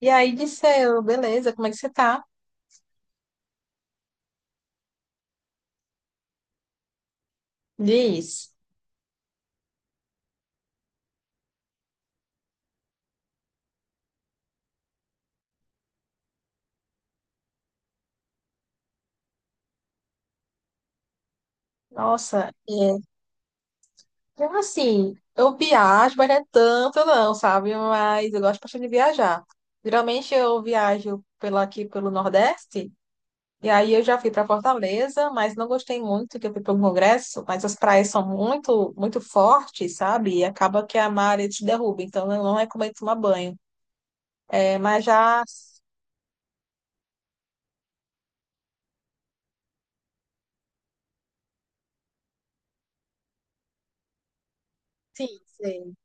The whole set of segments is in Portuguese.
E aí disse eu, beleza, como é que você tá? Diz, nossa, é, então, assim, eu viajo, mas não é tanto não, sabe? Mas eu gosto bastante de viajar. Geralmente eu viajo pela aqui pelo Nordeste, e aí eu já fui para Fortaleza, mas não gostei muito que eu fui para o Congresso, mas as praias são muito, muito fortes, sabe? E acaba que a maré te derruba, então eu não recomendo tomar banho. É, mas já, sim, sim.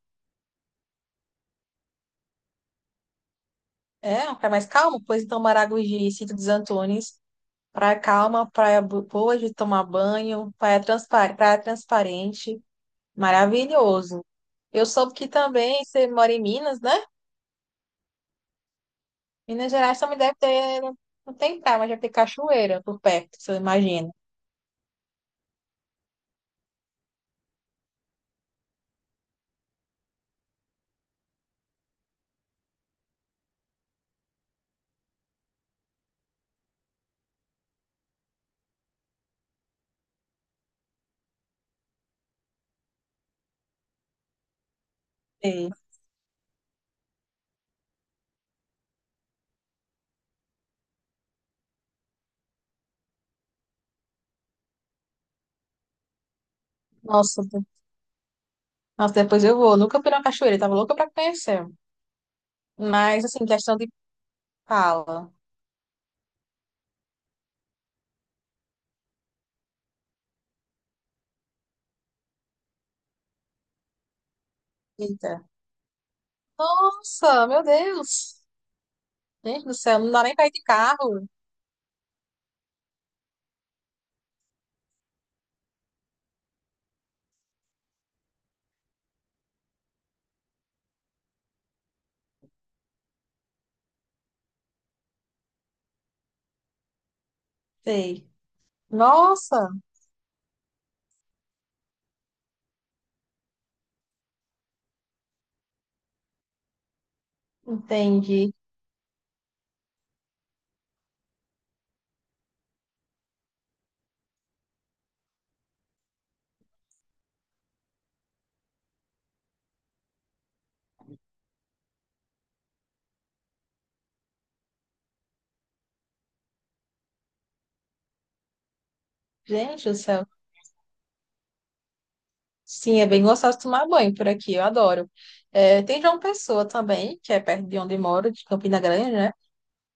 É, um lugar mais calmo, pois então Maragogi e Sítio dos Antunes. Praia calma, praia boa de tomar banho, praia, praia transparente, maravilhoso. Eu soube que também você mora em Minas, né? Minas Gerais também deve ter, não tem praia, mas deve ter cachoeira por perto, se eu imagino. Sei. Nossa, de- nossa, depois eu vou. Nunca fui na cachoeira, tava louca pra conhecer. Mas, assim, questão de fala. Eita. Nossa, meu Deus! Gente do céu, não dá nem pra ir de carro. Sei. Nossa, entendi. Gente do céu. Sim, é bem gostoso tomar banho por aqui, eu adoro. É, tem João Pessoa também, que é perto de onde moro, de Campina Grande, né?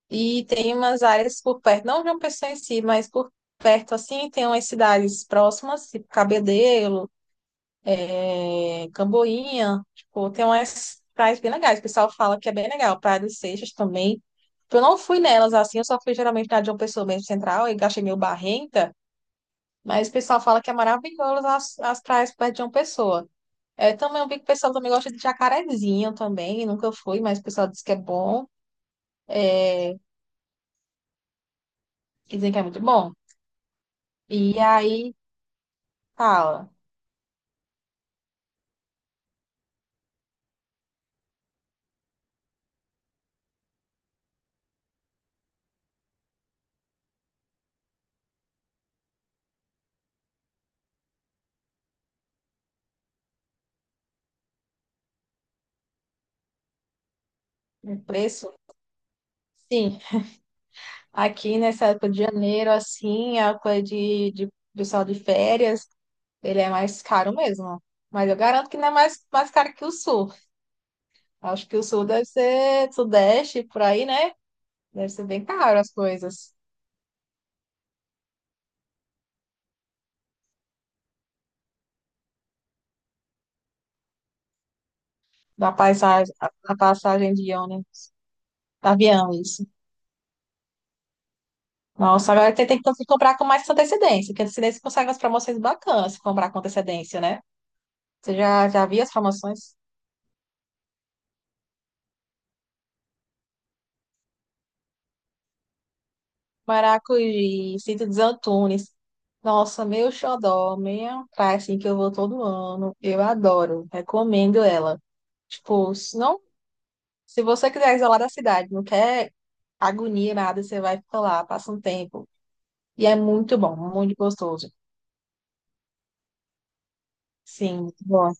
E tem umas áreas por perto, não João Pessoa em si, mas por perto, assim, tem umas cidades próximas, tipo Cabedelo, é, Camboinha, tipo, tem umas praias bem legais. O pessoal fala que é bem legal, Praia dos Seixas também. Eu não fui nelas, assim, eu só fui geralmente na de João Pessoa mesmo, central, e achei meio barrenta, mas o pessoal fala que é maravilhoso as praias perto de João Pessoa. É, também eu vi que o pessoal também gosta de jacarezinho também, nunca fui, mas o pessoal diz que é bom, e dizem que é muito bom. E aí, fala, o preço? Sim, aqui nessa época de janeiro, assim, a época de pessoal de férias, ele é mais caro mesmo. Mas eu garanto que não é mais caro que o sul. Acho que o sul deve ser sudeste, por aí, né? Deve ser bem caro as coisas da paisagem, a passagem de ônibus, da avião, isso. Nossa, agora tem que comprar com mais antecedência, porque antecedência consegue umas promoções bacanas se comprar com antecedência, né? Você já viu as promoções? Maracujá, Cinto dos Antunes. Nossa, meu xodó, minha praia, assim, que eu vou todo ano. Eu adoro, recomendo ela. Tipo, se não, se você quiser isolar da cidade, não quer agonia, nada, você vai ficar lá, passa um tempo. E é muito bom, muito gostoso. Sim, muito bom.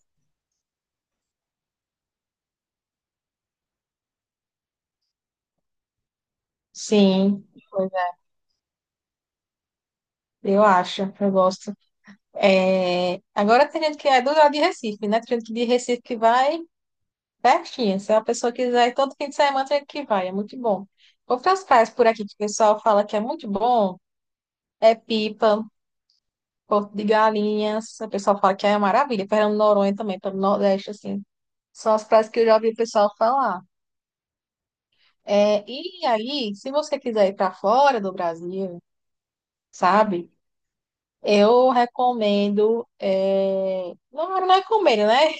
Sim, pois é, eu acho, eu gosto. É, agora tem gente que é do lado de Recife, né? Tem gente que de Recife que vai pertinho. Se é uma pessoa quiser, ir todo fim de semana tem gente que vai, é muito bom. Outras praias por aqui que o pessoal fala que é muito bom é Pipa, Porto de Galinhas. O pessoal fala que é uma maravilha. Fernando de Noronha também, pelo Nordeste, assim. São as praias que eu já ouvi o pessoal falar. É, e aí, se você quiser ir para fora do Brasil, sabe? Eu recomendo. É, não recomendo, né?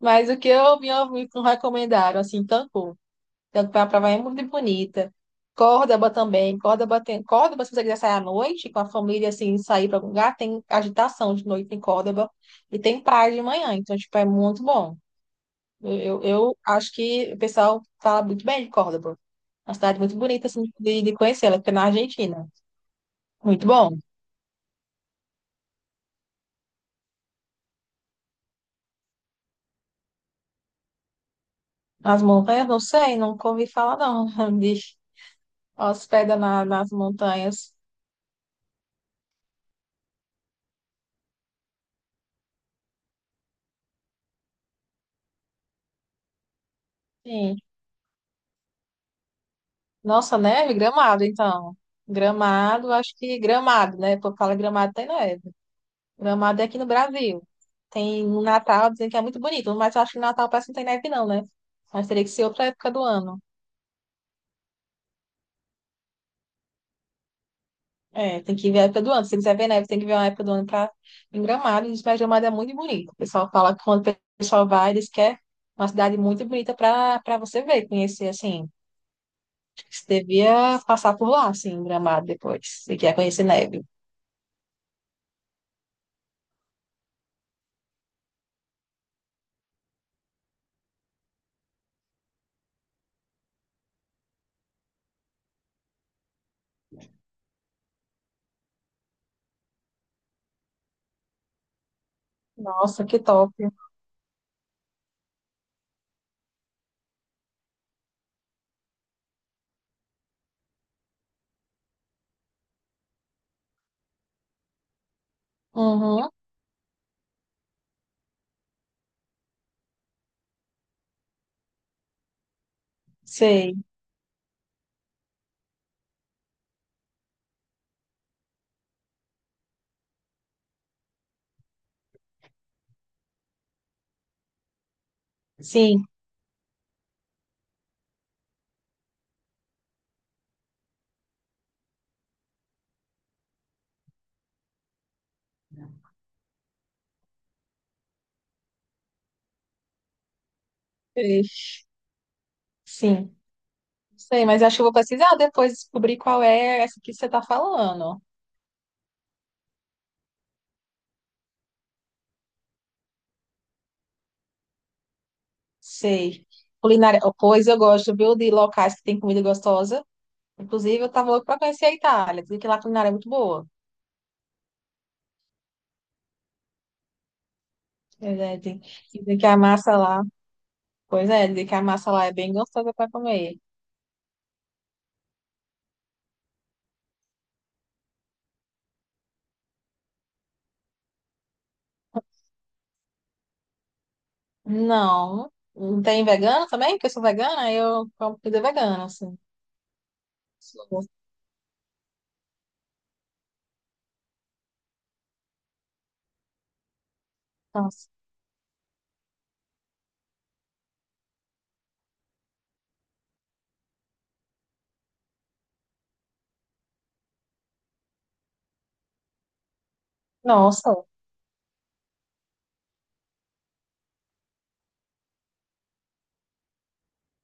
Mas o que eu me ouvi me recomendaram, assim, Cancún. Então, a praia é muito bonita. Córdoba também, Córdoba tem... Córdoba, se você quiser sair à noite com a família, assim, sair para algum lugar, tem agitação de noite em Córdoba e tem praia de manhã, então, tipo, é muito bom. Eu, eu acho que o pessoal fala muito bem de Córdoba. Uma cidade muito bonita, assim, de conhecer, ela fica na Argentina. Muito bom. As montanhas, não sei, nunca ouvi falar, não, de hospeda na, nas montanhas. Sim. Nossa, neve, Gramado, então. Gramado, acho que Gramado, né? Por falar Gramado tem neve. Gramado é aqui no Brasil. Tem no Natal, dizem que é muito bonito, mas eu acho que no Natal parece que não tem neve, não, né? Mas teria que ser outra época do ano. É, tem que ver a época do ano. Se quiser ver neve, tem que ver uma época do ano pra... em Gramado. E diz, mas Gramado é muito bonito. O pessoal fala que quando o pessoal vai, diz que é uma cidade muito bonita para você ver, conhecer, assim. Acho que você devia passar por lá, assim, em Gramado depois, se quer conhecer neve. Nossa, que top. Uhum, sei. Sim, sei. Sim. Sei, mas acho que eu vou precisar depois descobrir qual é essa que você está falando. Sei. Culinária. Oh, pois eu gosto, viu, de locais que tem comida gostosa. Inclusive, eu estava louco para conhecer a Itália. Dizem que lá a culinária é muito boa. Verdade. Dizem que a massa lá. Pois é, dizem que a massa lá é bem gostosa para comer. Não. Não tem vegano também? Porque eu sou vegana, aí eu como comida vegana, assim. Sou. Nossa. Nossa.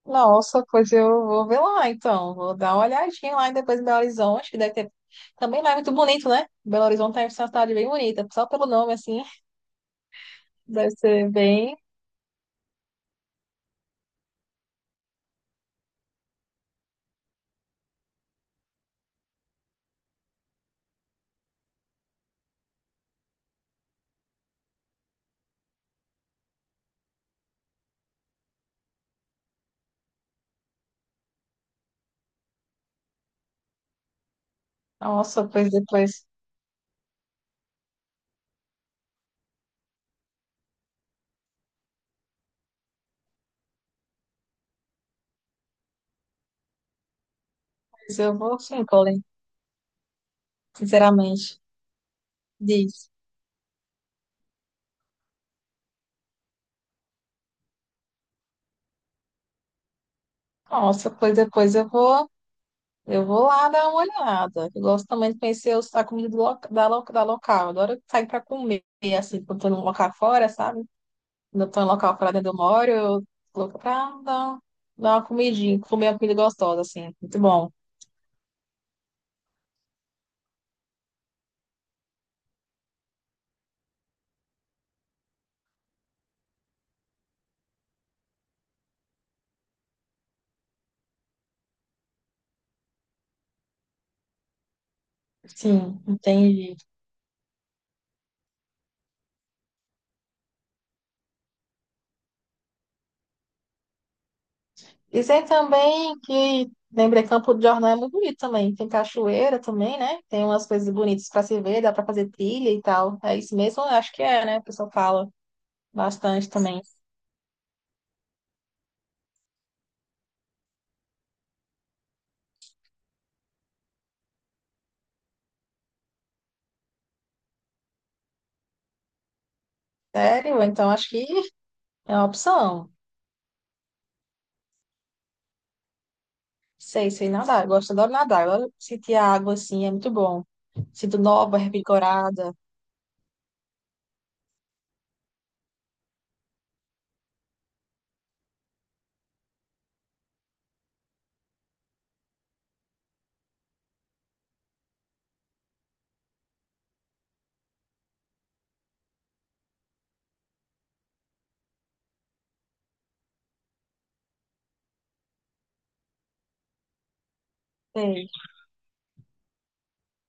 Nossa, pois eu vou ver lá, então. Vou dar uma olhadinha lá e depois em Belo Horizonte, que deve ter. Também lá é muito bonito, né? Belo Horizonte é uma cidade bem bonita, só pelo nome, assim, deve ser bem. Nossa, pois depois. Pois eu vou, sim, Colin, sinceramente. Diz. Nossa, pois depois eu vou. Eu vou lá dar uma olhada. Eu gosto também de conhecer a comida do da local. Eu adoro sair para comer, assim, quando estou num local fora, sabe? Ainda estou em local pra dentro do moro, eu coloco pra dar, uma comidinha, comer uma comida gostosa, assim. Muito bom. Sim, entendi. Dizer também que lembrei Campo de Jordão é muito bonito também. Tem cachoeira também, né? Tem umas coisas bonitas para se ver, dá para fazer trilha e tal. É isso mesmo? Eu acho que é, né? O pessoal fala bastante também. Sério? Então acho que é uma opção. Sei, sei nadar. Eu gosto, adoro nadar. Eu adoro sentir a água assim, é muito bom. Sinto nova, revigorada. Sei.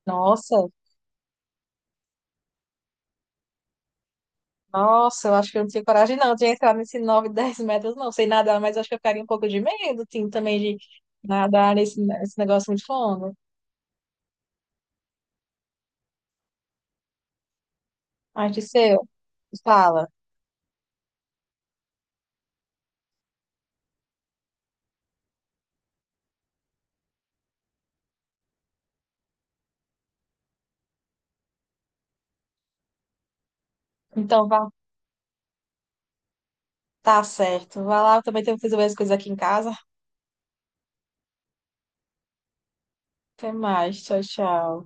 Nossa. Nossa, eu acho que eu não tinha coragem, não, de entrar nesses 9, 10 metros, não. Sei nadar, mas acho que eu ficaria um pouco de medo, sim, também de nadar nesse negócio muito longo. Mas seu, fala. Então, vá, tá certo. Vai lá, eu também tenho que fazer as coisas aqui em casa. Até mais, tchau, tchau.